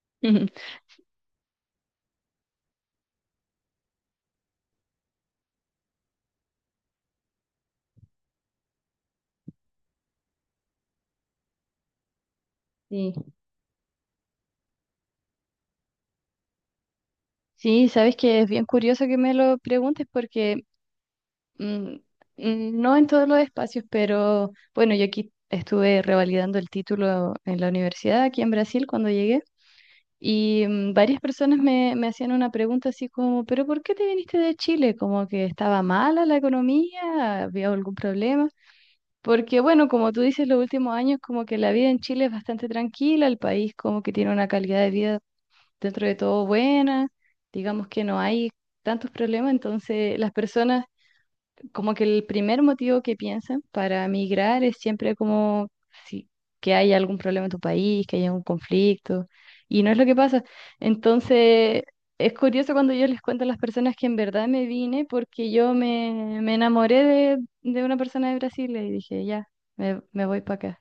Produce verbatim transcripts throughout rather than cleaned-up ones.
Ujú. Sí, sí, sabes que es bien curioso que me lo preguntes porque mm, mm, no en todos los espacios, pero bueno, yo aquí estuve revalidando el título en la universidad aquí en Brasil cuando llegué y mm, varias personas me, me hacían una pregunta así como, ¿pero por qué te viniste de Chile? Como que estaba mala la economía, había algún problema. Porque bueno, como tú dices, los últimos años como que la vida en Chile es bastante tranquila, el país como que tiene una calidad de vida dentro de todo buena, digamos que no hay tantos problemas, entonces las personas, como que el primer motivo que piensan para migrar es siempre como si, que hay algún problema en tu país, que hay algún conflicto, y no es lo que pasa. Entonces es curioso cuando yo les cuento a las personas que en verdad me vine porque yo me, me enamoré de, de una persona de Brasil y dije, ya, me, me voy para acá.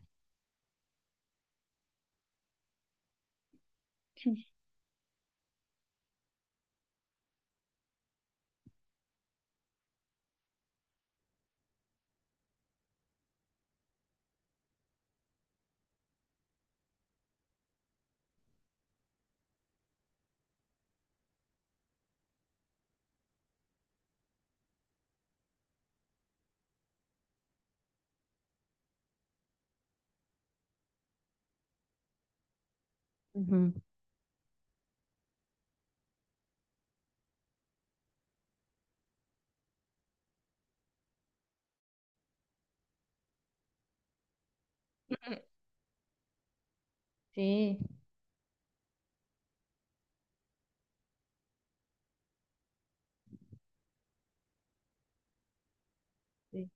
Ujú. Sí, sí.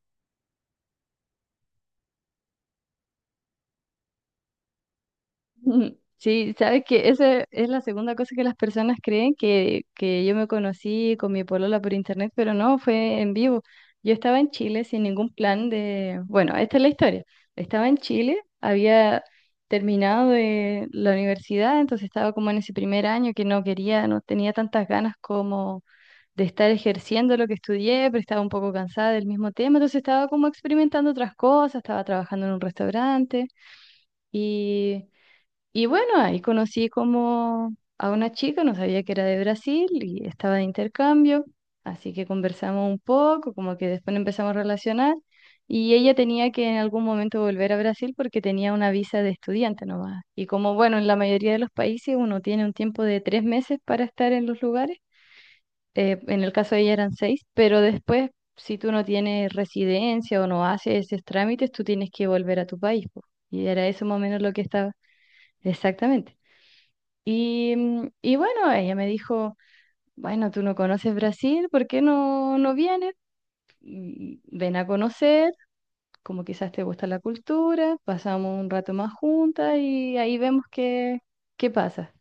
Mm, sí, sabes que esa es la segunda cosa que las personas creen, que, que yo me conocí con mi polola por internet, pero no, fue en vivo. Yo estaba en Chile sin ningún plan de, bueno, esta es la historia. Estaba en Chile, había terminado de la universidad, entonces estaba como en ese primer año que no quería, no tenía tantas ganas como de estar ejerciendo lo que estudié, pero estaba un poco cansada del mismo tema, entonces estaba como experimentando otras cosas, estaba trabajando en un restaurante y y bueno, ahí conocí como a una chica, no sabía que era de Brasil y estaba de intercambio, así que conversamos un poco, como que después nos empezamos a relacionar y ella tenía que en algún momento volver a Brasil porque tenía una visa de estudiante nomás. Y como, bueno, en la mayoría de los países uno tiene un tiempo de tres meses para estar en los lugares, eh, en el caso de ella eran seis, pero después, si tú no tienes residencia o no haces esos trámites, tú tienes que volver a tu país, po. Y era eso más o menos lo que estaba. Exactamente. Y, mm, y bueno, ella me dijo, bueno, tú no conoces Brasil, ¿por qué no, no vienes? Mm, Ven a conocer, como quizás te gusta la cultura, pasamos un rato más juntas y ahí vemos qué, qué pasa.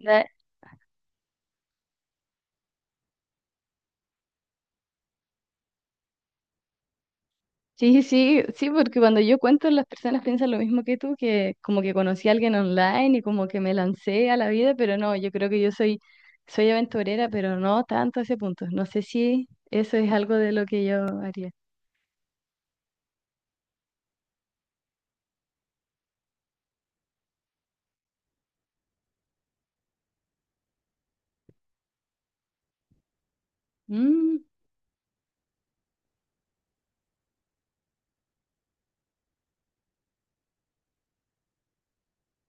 Da- Sí, sí, sí, porque cuando yo cuento, las personas piensan lo mismo que tú, que como que conocí a alguien online y como que me lancé a la vida, pero no, yo creo que yo soy, soy aventurera, pero no tanto a ese punto. No sé si eso es algo de lo que yo haría. Mm,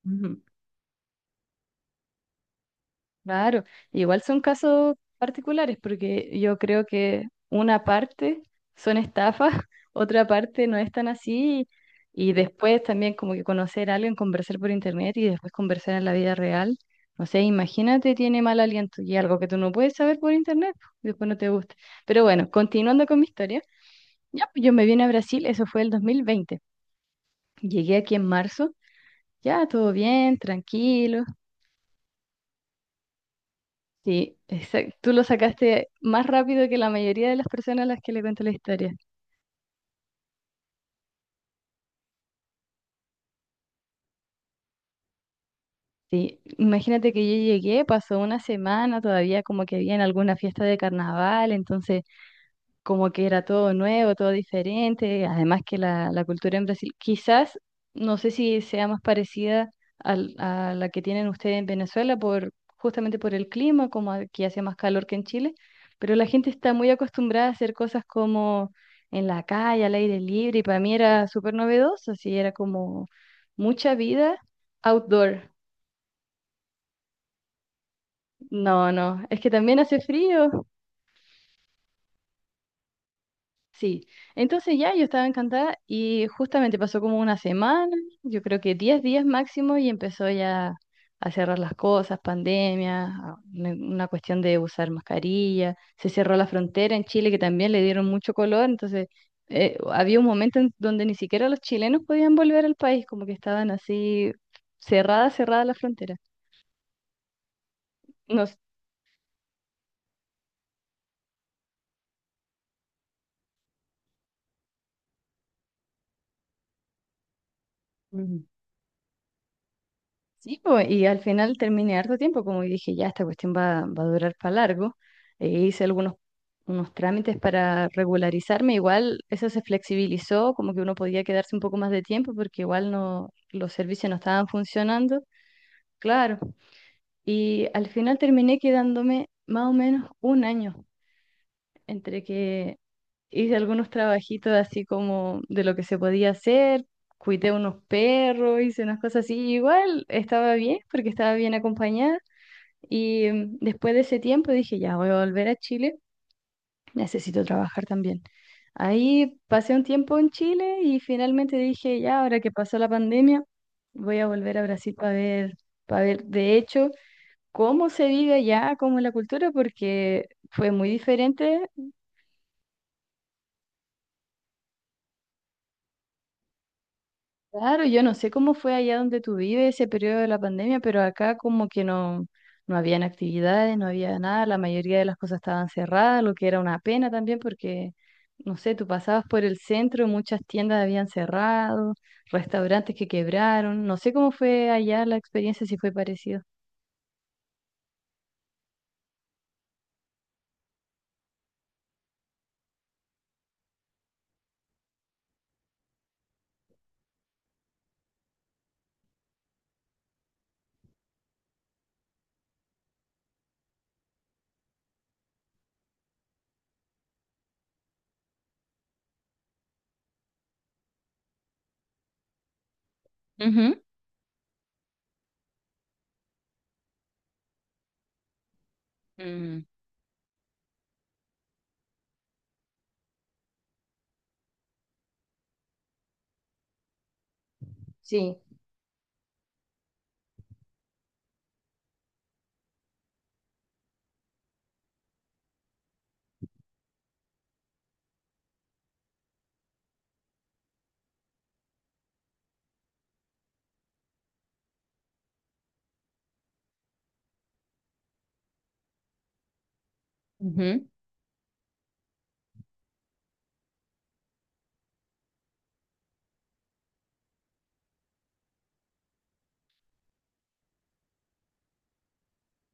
ujú. Claro, igual son casos particulares porque yo creo que una parte son estafas, otra parte no es tan así, y después también, como que conocer a alguien, conversar por internet y después conversar en la vida real. No sé, imagínate, tiene mal aliento y algo que tú no puedes saber por internet, y después no te gusta. Pero bueno, continuando con mi historia, ya pues yo me vine a Brasil, eso fue el dos mil veinte. Llegué aquí en marzo, ya todo bien, tranquilo. Sí, exacto. Tú lo sacaste más rápido que la mayoría de las personas a las que le cuento la historia. Sí, imagínate que yo llegué, pasó una semana todavía como que había, en alguna fiesta de carnaval, entonces como que era todo nuevo, todo diferente, además que la, la cultura en Brasil, quizás, no sé si sea más parecida al- a la que tienen ustedes en Venezuela, por, justamente por el clima, como aquí hace más calor que en Chile, pero la gente está muy acostumbrada a hacer cosas como en la calle, al aire libre, y para mí era súper novedoso, así era como mucha vida outdoor. No, no, es que también hace frío. Sí, entonces ya yo estaba encantada y justamente pasó como una semana, yo creo que diez días máximo, y empezó ya a cerrar las cosas, pandemia, a- una una cuestión de usar mascarilla, se cerró la frontera en Chile, que también le dieron mucho color, entonces, eh, había un momento en donde ni siquiera los chilenos podían volver al país, como que estaban así, cerrada, cerrada la frontera. No. Sí, po, y al final terminé harto tiempo, como dije, ya esta cuestión va, va, a durar para largo. E hice algunos unos trámites para regularizarme, igual eso se flexibilizó, como que uno podía quedarse un poco más de tiempo porque igual no, los servicios no estaban funcionando, claro. Y al final terminé quedándome más o menos un año entre que hice algunos trabajitos así, como de lo que se podía hacer, cuidé unos perros, hice unas cosas así, y igual estaba bien porque estaba bien acompañada. Y mm, después de ese tiempo dije, ya voy a volver a Chile, necesito trabajar también. Ahí pasé un tiempo en Chile y finalmente dije, ya ahora que pasó la pandemia, voy a volver a Brasil para ver, para ver de hecho cómo se vive allá, cómo es la cultura, porque fue muy diferente. Claro, yo no sé cómo fue allá donde tú vives ese periodo de la pandemia, pero acá como que no, no habían actividades, no había nada, la mayoría de las cosas estaban cerradas, lo que era una pena también porque, no sé, tú pasabas por el centro, muchas tiendas habían cerrado, restaurantes que quebraron, no sé cómo fue allá la experiencia, si fue parecido. Ujú. Mm, sí. Ujú.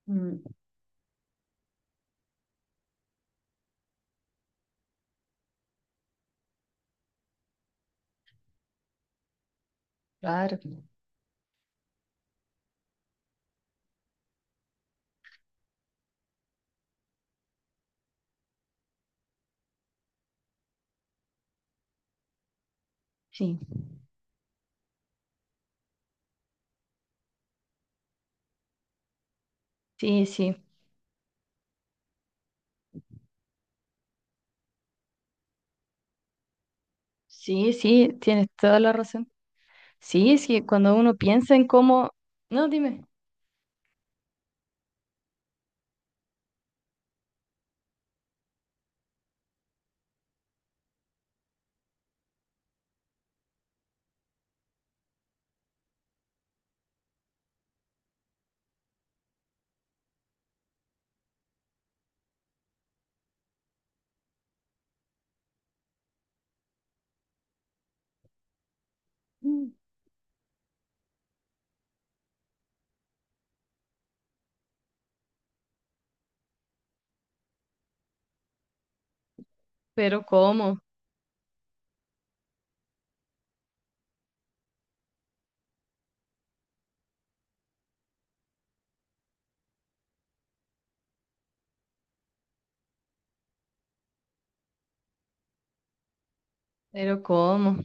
Mm, claro, sí, sí, sí, sí, sí, tienes toda la razón. Sí, es que cuando uno piensa en cómo, no, dime. Mm. Pero cómo, pero cómo.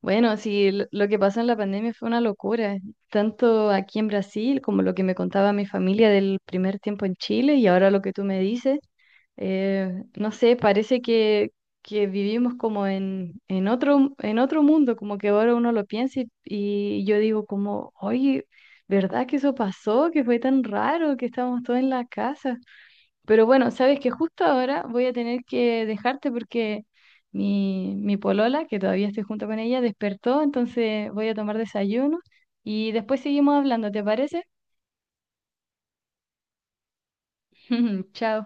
Bueno, sí, lo lo que pasó en la pandemia fue una locura, tanto aquí en Brasil como lo que me contaba mi familia del primer tiempo en Chile y ahora lo que tú me dices. Eh, no sé, parece que, que, vivimos como en, en otro, en otro mundo, como que ahora uno lo piensa y, y yo digo como, oye, ¿verdad que eso pasó? Que fue tan raro que estábamos todos en la casa. Pero bueno, sabes que justo ahora voy a tener que dejarte porque mi, mi polola, que todavía estoy junto con ella, despertó, entonces voy a tomar desayuno y después seguimos hablando, ¿te parece? Chao.